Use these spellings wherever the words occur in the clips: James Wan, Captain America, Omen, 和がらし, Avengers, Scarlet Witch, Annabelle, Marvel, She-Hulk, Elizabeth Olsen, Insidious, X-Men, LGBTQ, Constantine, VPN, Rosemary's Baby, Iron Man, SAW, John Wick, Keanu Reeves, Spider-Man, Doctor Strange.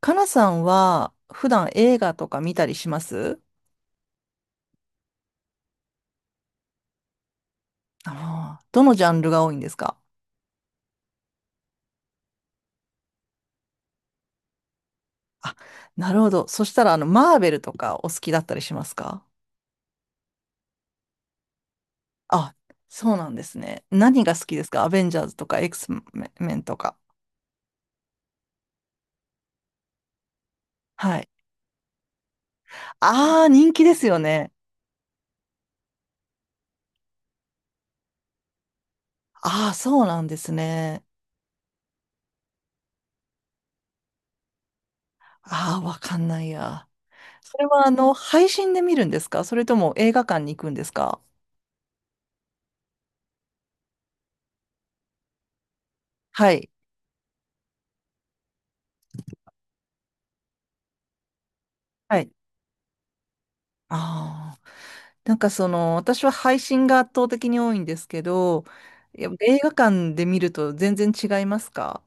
かなさんは普段映画とか見たりします？ああー、どのジャンルが多いんですか？なるほど。そしたら、マーベルとかお好きだったりしますか？あ、そうなんですね。何が好きですか？アベンジャーズとかエクスメンとか。はい。ああ、人気ですよね。ああ、そうなんですね。ああ、わかんないや。それは、配信で見るんですか、それとも映画館に行くんですか？はい。はい。ああ。なんかその、私は配信が圧倒的に多いんですけど、やっぱ映画館で見ると全然違いますか？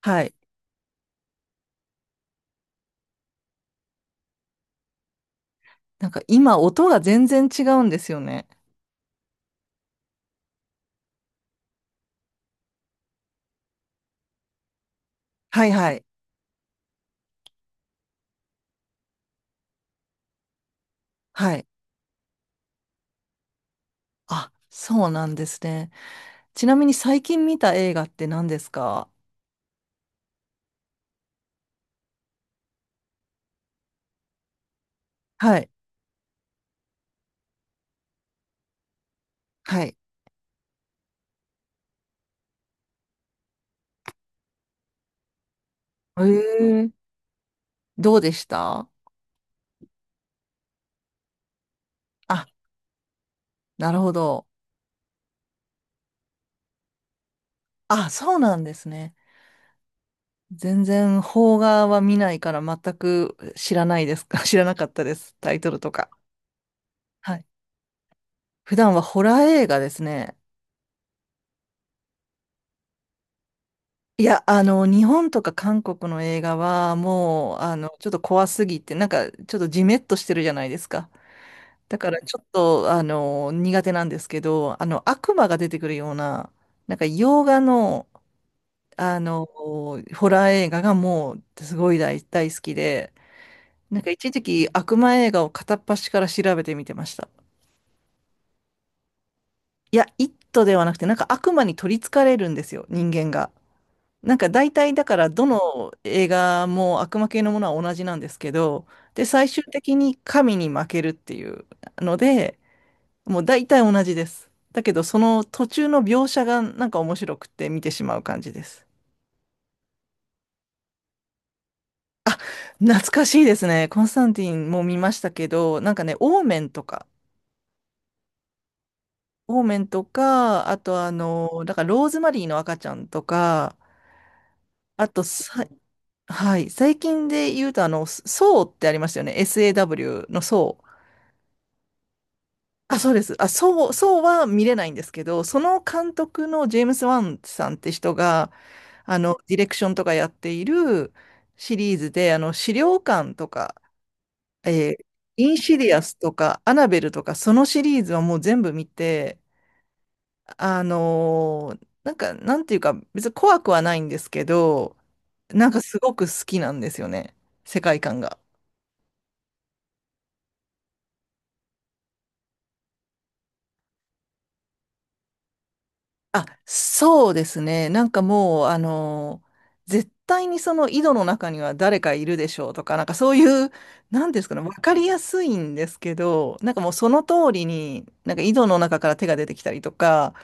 はい。なんか今音が全然違うんですよね。はいはい。はい。あ、そうなんですね。ちなみに最近見た映画って何ですか？はい。はい。えー、どうでした？あ、なるほど。あ、そうなんですね。全然邦画は見ないから全く知らないですか？ 知らなかったです。タイトルとか。はい、普段はホラー映画ですね。いや、日本とか韓国の映画はもう、ちょっと怖すぎて、なんか、ちょっとジメッとしてるじゃないですか。だから、ちょっと、苦手なんですけど、悪魔が出てくるような、なんか、洋画の、ホラー映画がもう、すごい大好きで、なんか、一時期、悪魔映画を片っ端から調べてみてました。いや、イットではなくて、なんか、悪魔に取り憑かれるんですよ、人間が。なんか大体だからどの映画も悪魔系のものは同じなんですけど、で、最終的に神に負けるっていうので、もう大体同じです。だけどその途中の描写がなんか面白くて見てしまう感じです。あ、懐かしいですね。コンスタンティンも見ましたけど、なんかね、オーメンとか、オーメンとか、あとだからローズマリーの赤ちゃんとか、あとさ、はい、最近で言うとソーってありましたよね。SAW のソー。あ、そうです。あ、そう、そうは見れないんですけど、その監督のジェームス・ワンさんって人が、ディレクションとかやっているシリーズで、資料館とか、えーインシディアスとか、アナベルとか、そのシリーズはもう全部見て、なんか、なんていうか、別に怖くはないんですけど、なんかすごく好きなんですよね、世界観が。あ、そうですね。なんかもう、絶対にその井戸の中には誰かいるでしょうとか、なんかそういう、なんですかね、わかりやすいんですけど、なんかもうその通りに、なんか井戸の中から手が出てきたりとか、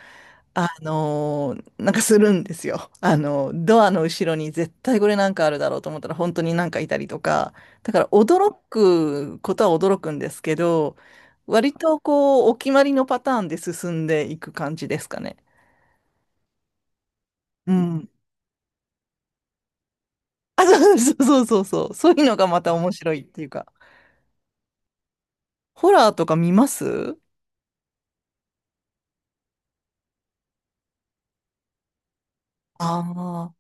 なんかするんですよ。ドアの後ろに絶対これなんかあるだろうと思ったら本当になんかいたりとか、だから驚くことは驚くんですけど、割とこう、お決まりのパターンで進んでいく感じですかね。うん。あ、そうそうそうそうそう。そう いうのがまた面白いっていうか。ホラーとか見ます？あ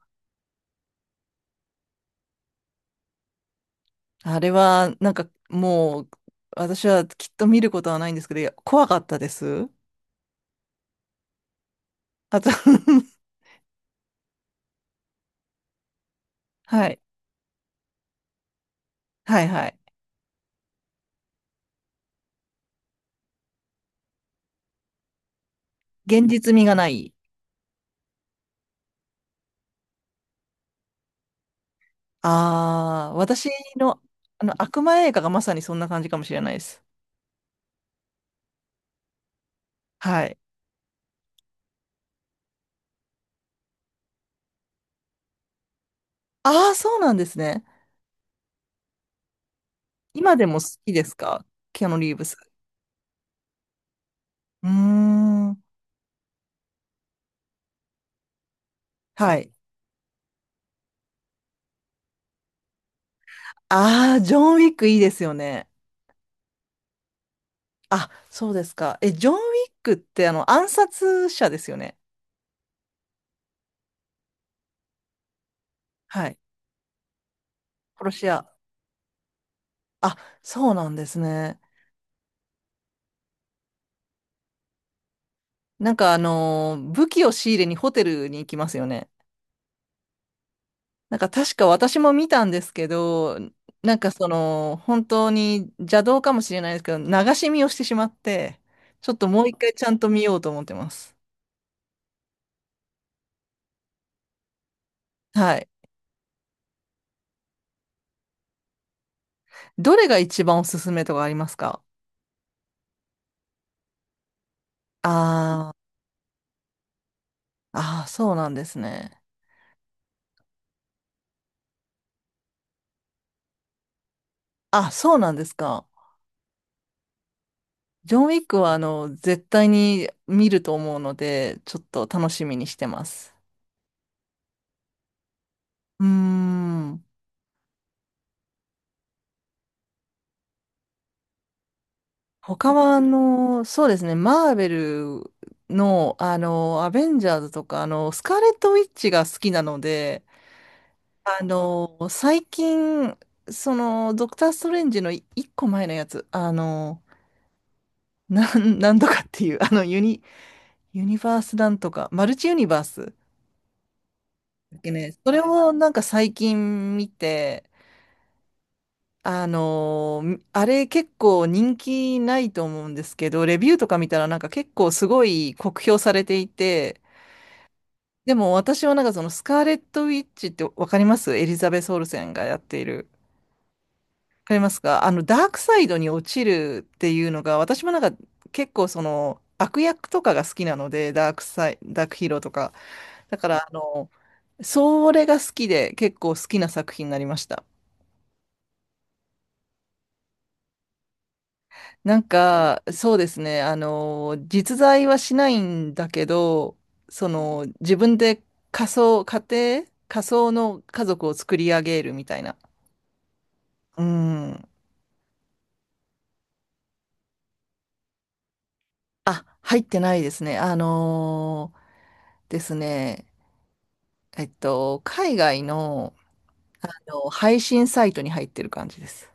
あー、あれはなんかもう私はきっと見ることはないんですけど、いや怖かったです。あと はい、はいはい。現実味がない。ああ、私の、あの悪魔映画がまさにそんな感じかもしれないです。はい。ああ、そうなんですね。今でも好きですか？キアヌ・リーブス。うーん。はい。ああ、ジョン・ウィックいいですよね。あ、そうですか。え、ジョン・ウィックってあの暗殺者ですよね。はい。殺し屋。あ、そうなんですね。なんか武器を仕入れにホテルに行きますよね。なんか確か私も見たんですけど、なんかその、本当に邪道かもしれないですけど、流し見をしてしまって、ちょっともう一回ちゃんと見ようと思ってます。はい。どれが一番おすすめとかありますか？あー、あー、そうなんですね。あ、そうなんですか。ジョン・ウィックは絶対に見ると思うので、ちょっと楽しみにしてます。うーん。他はそうですね、マーベルのアベンジャーズとか、スカーレット・ウィッチが好きなので、最近、その、ドクター・ストレンジの一個前のやつ、なんとかっていう、ユニバースなんとか、マルチユニバースだっけね、それをなんか最近見て、あれ結構人気ないと思うんですけど、レビューとか見たらなんか結構すごい酷評されていて、でも私はなんかそのスカーレット・ウィッチってわかります？エリザベス・オルセンがやっている。わかりますか？ダークサイドに落ちるっていうのが、私もなんか結構その悪役とかが好きなので、ダークヒーローとか。だからそれが好きで結構好きな作品になりました。なんか、そうですね。実在はしないんだけど、その、自分で仮想、家仮想の家族を作り上げるみたいな。うん。あ、入ってないですね。ですね。海外の、配信サイトに入ってる感じです。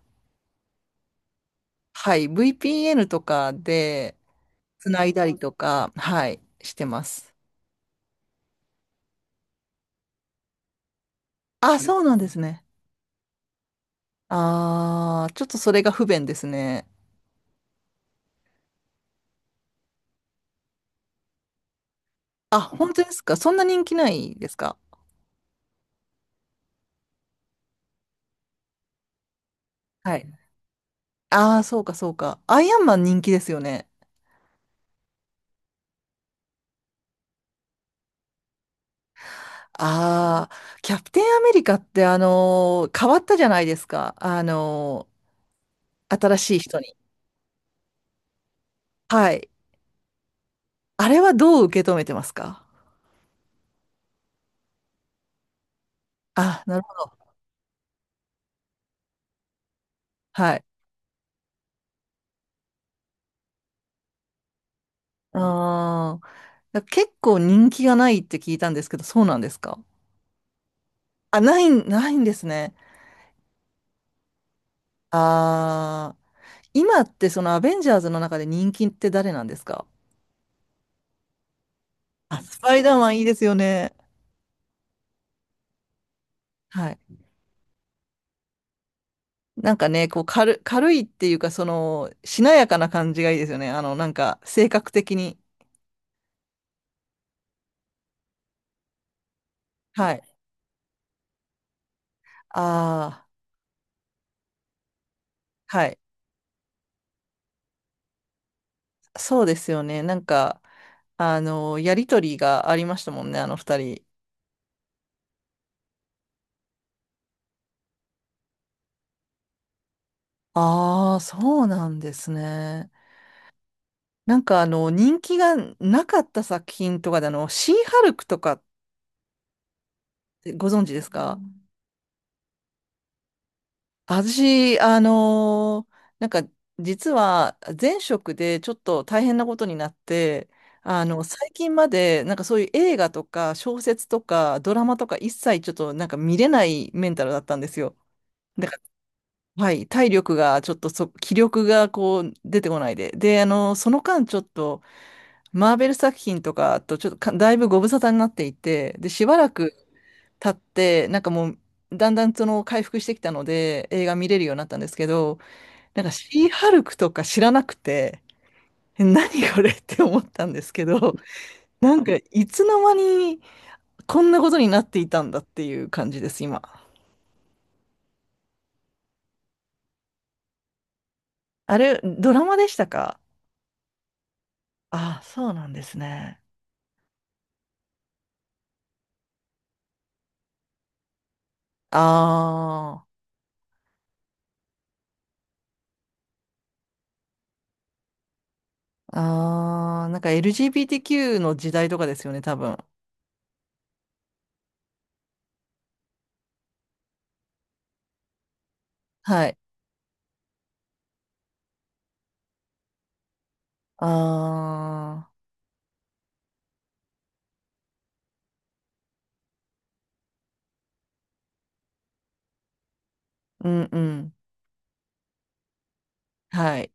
はい。VPN とかで、つないだりとか、はい、してます。あ、そうなんですね。あー、ちょっとそれが不便ですね。あ、本当ですか？そんな人気ないですか？はい。ああ、そうか、そうか。アイアンマン人気ですよね。ああ、キャプテンアメリカって変わったじゃないですか。新しい人に。はい。あれはどう受け止めてますか？あ、なるほど。はい。ああ、結構人気がないって聞いたんですけど、そうなんですか？あ、ないんですね。ああ、今ってそのアベンジャーズの中で人気って誰なんですか？あ、スパイダーマンいいですよね。はい。なんかね、こう軽いっていうか、その、しなやかな感じがいいですよね。なんか、性格的に。はい。ああ、はい。そうですよね。なんか、やりとりがありましたもんね、あの二人。ああ、そうなんですね。なんか、人気がなかった作品とかで、シーハルクとかってご存知ですか？私、なんか、実は前職でちょっと大変なことになって、最近まで、なんかそういう映画とか小説とかドラマとか一切ちょっとなんか見れないメンタルだったんですよ。だから、はい、体力がちょっと気力がこう出てこないで。で、その間ちょっと、マーベル作品とかとちょっとかだいぶご無沙汰になっていて、で、しばらく経って、なんかもう、だんだんその回復してきたので映画見れるようになったんですけど、なんかシーハルクとか知らなくて、え、何これって思ったんですけど、なんかいつの間にこんなことになっていたんだっていう感じです、今。あれ、ドラマでしたか？ああ、そうなんですね。ああ、ああ、なんか LGBTQ の時代とかですよね、多分。はい。ああ、うんうん。はい。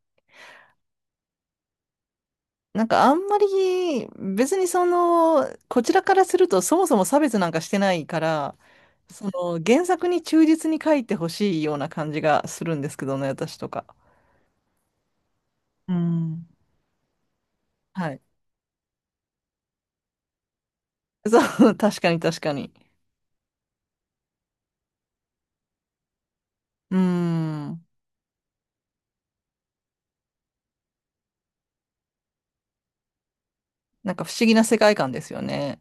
なんかあんまり別にその、こちらからするとそもそも差別なんかしてないから、その原作に忠実に書いてほしいような感じがするんですけどね、私とか。うん。はい。そう、確かに確かに。うーん。なんか不思議な世界観ですよね。